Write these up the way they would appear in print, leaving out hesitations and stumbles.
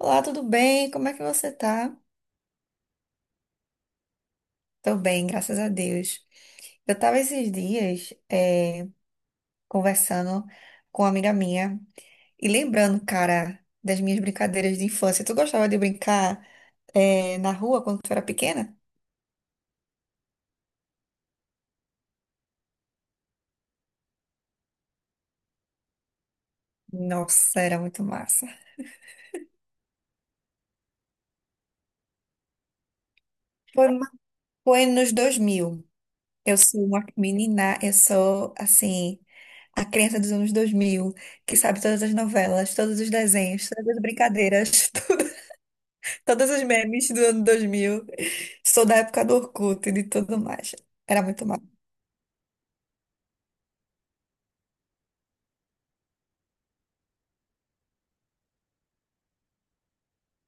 Olá, tudo bem? Como é que você tá? Tô bem, graças a Deus. Eu tava esses dias conversando com uma amiga minha e lembrando, cara, das minhas brincadeiras de infância. Tu gostava de brincar na rua quando tu era pequena? Nossa, era muito massa. Foi, uma- Foi nos 2000. Eu sou uma menina, eu sou, assim, a criança dos anos 2000 que sabe todas as novelas, todos os desenhos, todas as brincadeiras. Todas os memes do ano 2000. Sou da época do Orkut e de tudo mais. Era muito mal.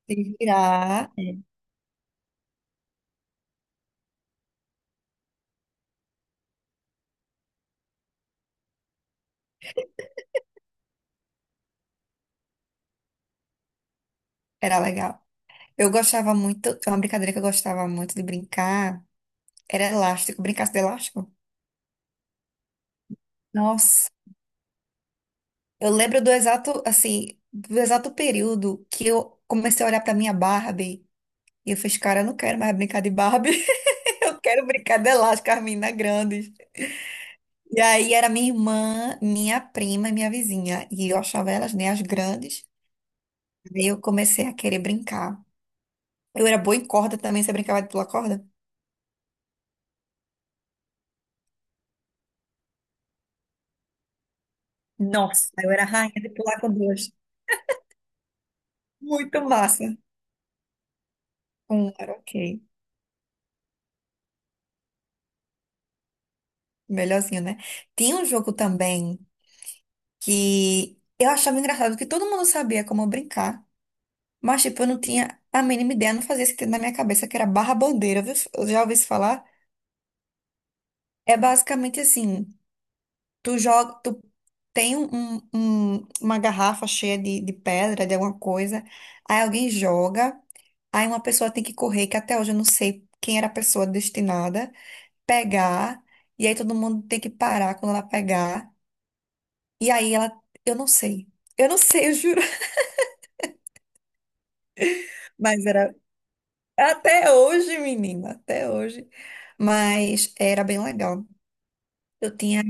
Se virar, é, era legal. Eu gostava muito, é uma brincadeira que eu gostava muito de brincar era elástico. Brincasse de elástico? Nossa, eu lembro do exato, assim, do exato período que eu comecei a olhar pra minha Barbie e eu fiz, cara, eu não quero mais brincar de Barbie. Eu quero brincar de elástico, as meninas grandes. E aí era minha irmã, minha prima e minha vizinha. E eu achava elas, né, as grandes. Aí eu comecei a querer brincar. Eu era boa em corda também, você brincava de pular corda? Nossa, eu era rainha de pular com duas. Muito massa. Um era ok. Melhorzinho, né? Tinha um jogo também que eu achava engraçado, que todo mundo sabia como brincar, mas tipo, eu não tinha a mínima ideia, não fazia sentido na minha cabeça, que era barra bandeira. Viu? Eu já ouvi isso falar. É basicamente assim. Tu joga, tu tem uma garrafa cheia de pedra, de alguma coisa, aí alguém joga, aí uma pessoa tem que correr, que até hoje eu não sei quem era a pessoa destinada, pegar, e aí todo mundo tem que parar quando ela pegar, e aí ela, eu não sei, eu não sei, eu juro, mas era até hoje, menina, até hoje, mas era bem legal. Eu tinha,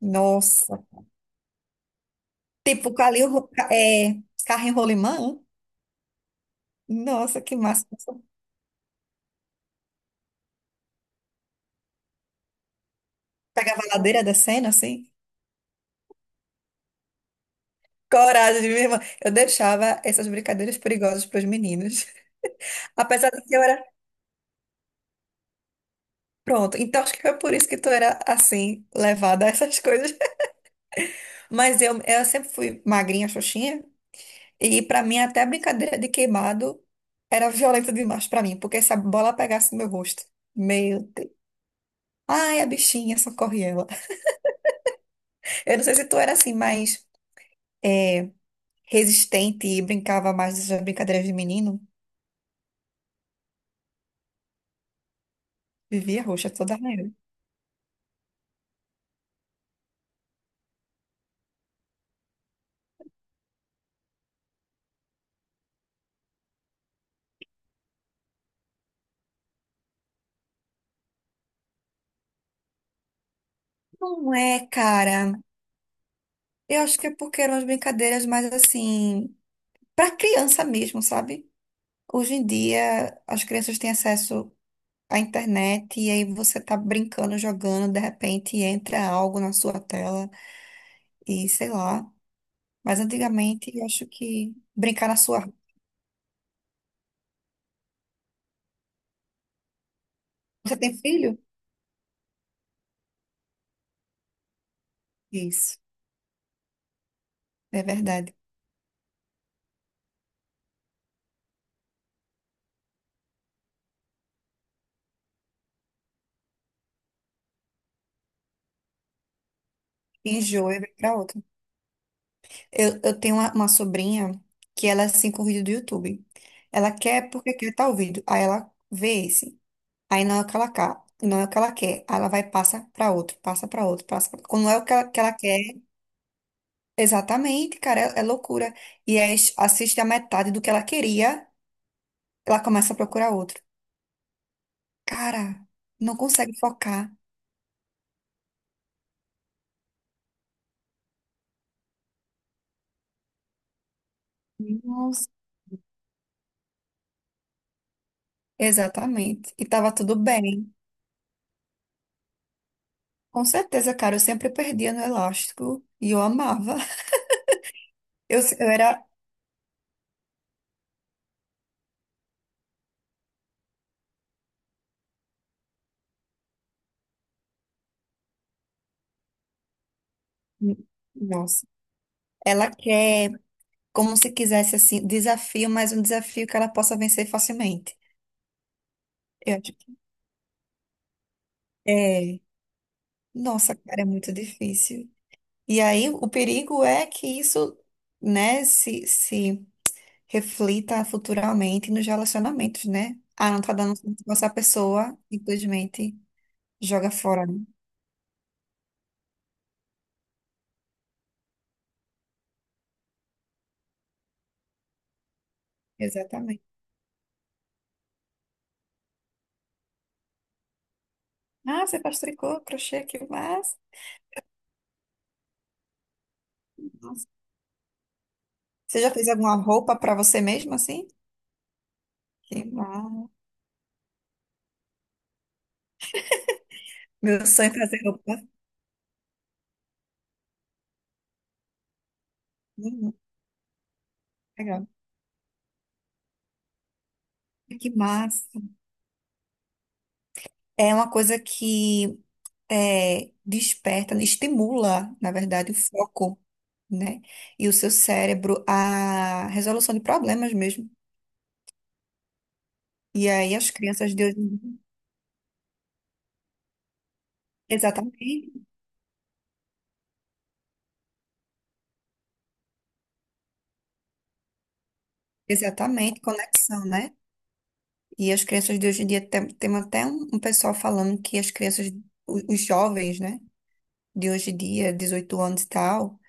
nossa, tipo, Calil, é, carro em rolimã, nossa, que massa. Pegava a ladeira da cena, assim. Coragem, minha irmã. Eu deixava essas brincadeiras perigosas para os meninos. Apesar de que eu era. Pronto. Então acho que foi por isso que tu era assim, levada a essas coisas. Mas eu sempre fui magrinha, xoxinha. E para mim, até a brincadeira de queimado era violenta demais para mim, porque se a bola pegasse no meu rosto. Meu Deus. Ai, a bichinha, socorre ela. Eu não sei se tu era assim, mais resistente e brincava mais dessas brincadeiras de menino. Vivia roxa toda hora. Não é, cara. Eu acho que é porque eram as brincadeiras mais assim, para criança mesmo, sabe? Hoje em dia, as crianças têm acesso à internet e aí você tá brincando, jogando, de repente entra algo na sua tela e sei lá. Mas antigamente, eu acho que brincar na sua. Você tem filho? Isso, é verdade. Enjoa e vai pra outra. Eu tenho uma sobrinha que ela é assim com vídeo do YouTube. Ela quer porque quer estar ouvindo. Aí ela vê esse. Aí não é o que ela quer, não é o que ela quer. Aí ela vai e passa pra outro, passa pra outro, passa pra... Quando não é o que ela quer, exatamente, cara, é, é loucura. E aí assiste a metade do que ela queria, ela começa a procurar outro. Cara, não consegue focar. Nossa. Exatamente. E tava tudo bem. Com certeza, cara, eu sempre perdia no elástico e eu amava. Eu era. Nossa. Ela quer, como se quisesse, assim, desafio, mas um desafio que ela possa vencer facilmente. É, nossa, cara, é muito difícil. E aí, o perigo é que isso, né, se reflita futuramente nos relacionamentos, né? Ah, não tá dando certo com essa pessoa, simplesmente joga fora, né? Exatamente. Ah, você faz tricô, crochê, que massa. Nossa. Você já fez alguma roupa pra você mesmo, assim? Que massa. Meu sonho é fazer roupa. Uhum, legal. Que massa. É uma coisa que é, desperta, estimula, na verdade, o foco, né? E o seu cérebro, a resolução de problemas mesmo. E aí as crianças de hoje em dia, exatamente, exatamente, conexão, né? E as crianças de hoje em dia, tem até um pessoal falando que as crianças, os jovens, né? De hoje em dia, 18 anos e tal,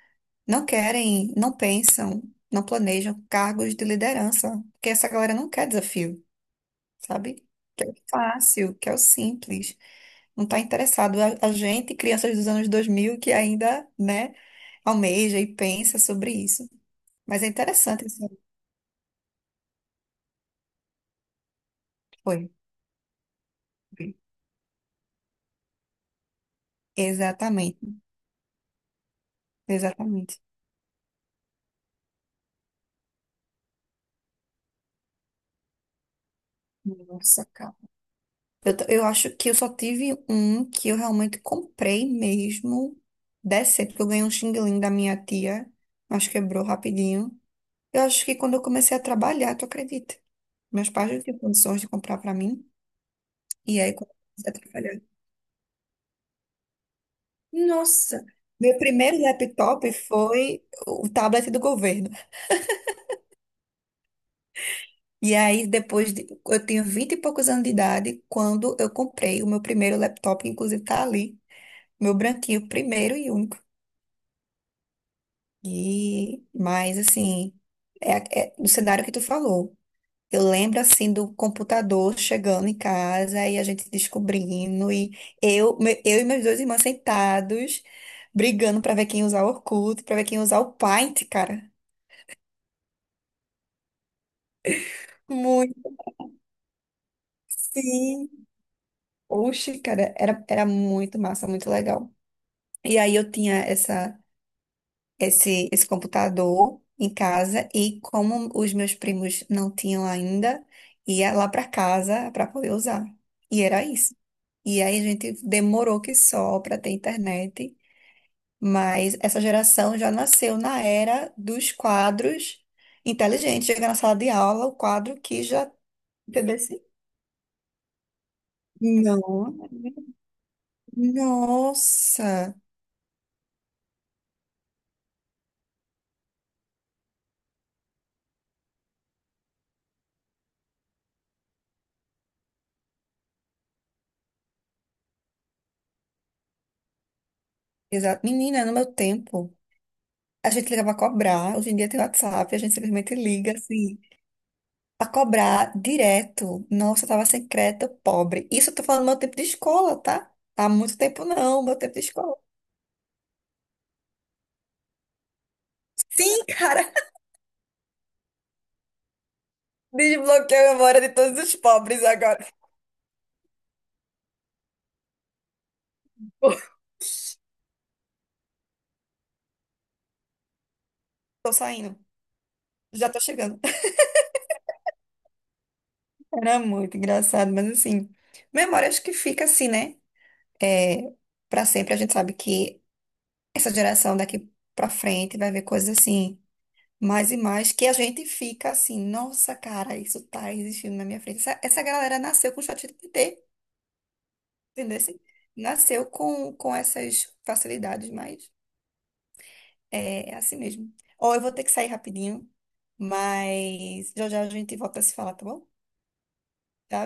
não querem, não pensam, não planejam cargos de liderança, porque essa galera não quer desafio. Sabe? Que é o fácil, que é o simples. Não está interessado. A gente, crianças dos anos 2000 que ainda, né, almeja e pensa sobre isso. Mas é interessante isso que foi. Exatamente, exatamente. Nossa, cara. Eu acho que eu só tive um que eu realmente comprei mesmo. Decente, porque eu ganhei um xing-ling da minha tia, mas quebrou rapidinho. Eu acho que quando eu comecei a trabalhar, tu acredita? Meus pais não tinham condições de comprar pra mim. E aí comecei a trabalhar. Nossa, meu primeiro laptop foi o tablet do governo. E aí depois de, eu tinha 20 e poucos anos de idade quando eu comprei o meu primeiro laptop, que inclusive tá ali, meu branquinho, primeiro e único. E mas assim, é, é no cenário que tu falou. Eu lembro assim do computador chegando em casa e a gente descobrindo, e eu e meus dois irmãos sentados, brigando pra ver quem ia usar o Orkut, pra ver quem ia usar o Paint, cara. Muito, sim. Oxe, cara, era muito massa, muito legal. E aí eu tinha essa. Esse computador em casa e como os meus primos não tinham ainda, ia lá para casa para poder usar. E era isso. E aí a gente demorou que só para ter internet, mas essa geração já nasceu na era dos quadros inteligentes. Chega na sala de aula, o quadro que já. Entendeu? Não. Nossa! Exato. Menina, no meu tempo, a gente ligava a cobrar, hoje em dia tem WhatsApp, a gente simplesmente liga assim. A cobrar direto. Nossa, eu tava sem crédito, pobre. Isso eu tô falando do meu tempo de escola, tá? Há muito tempo não, meu tempo de escola. Sim, cara, desbloqueei a memória de todos os pobres agora. Tô saindo, já tô chegando. Era muito engraçado, mas assim, memória acho que fica assim, né? É, para sempre a gente sabe que essa geração daqui pra frente vai ver coisas assim, mais e mais, que a gente fica assim, nossa, cara, isso tá existindo na minha frente. Essa galera nasceu com o chat. Entendeu? Assim, nasceu com essas facilidades, mas é, é assim mesmo. Ó, eu vou ter que sair rapidinho, mas já já a gente volta a se falar, tá bom? Tchau.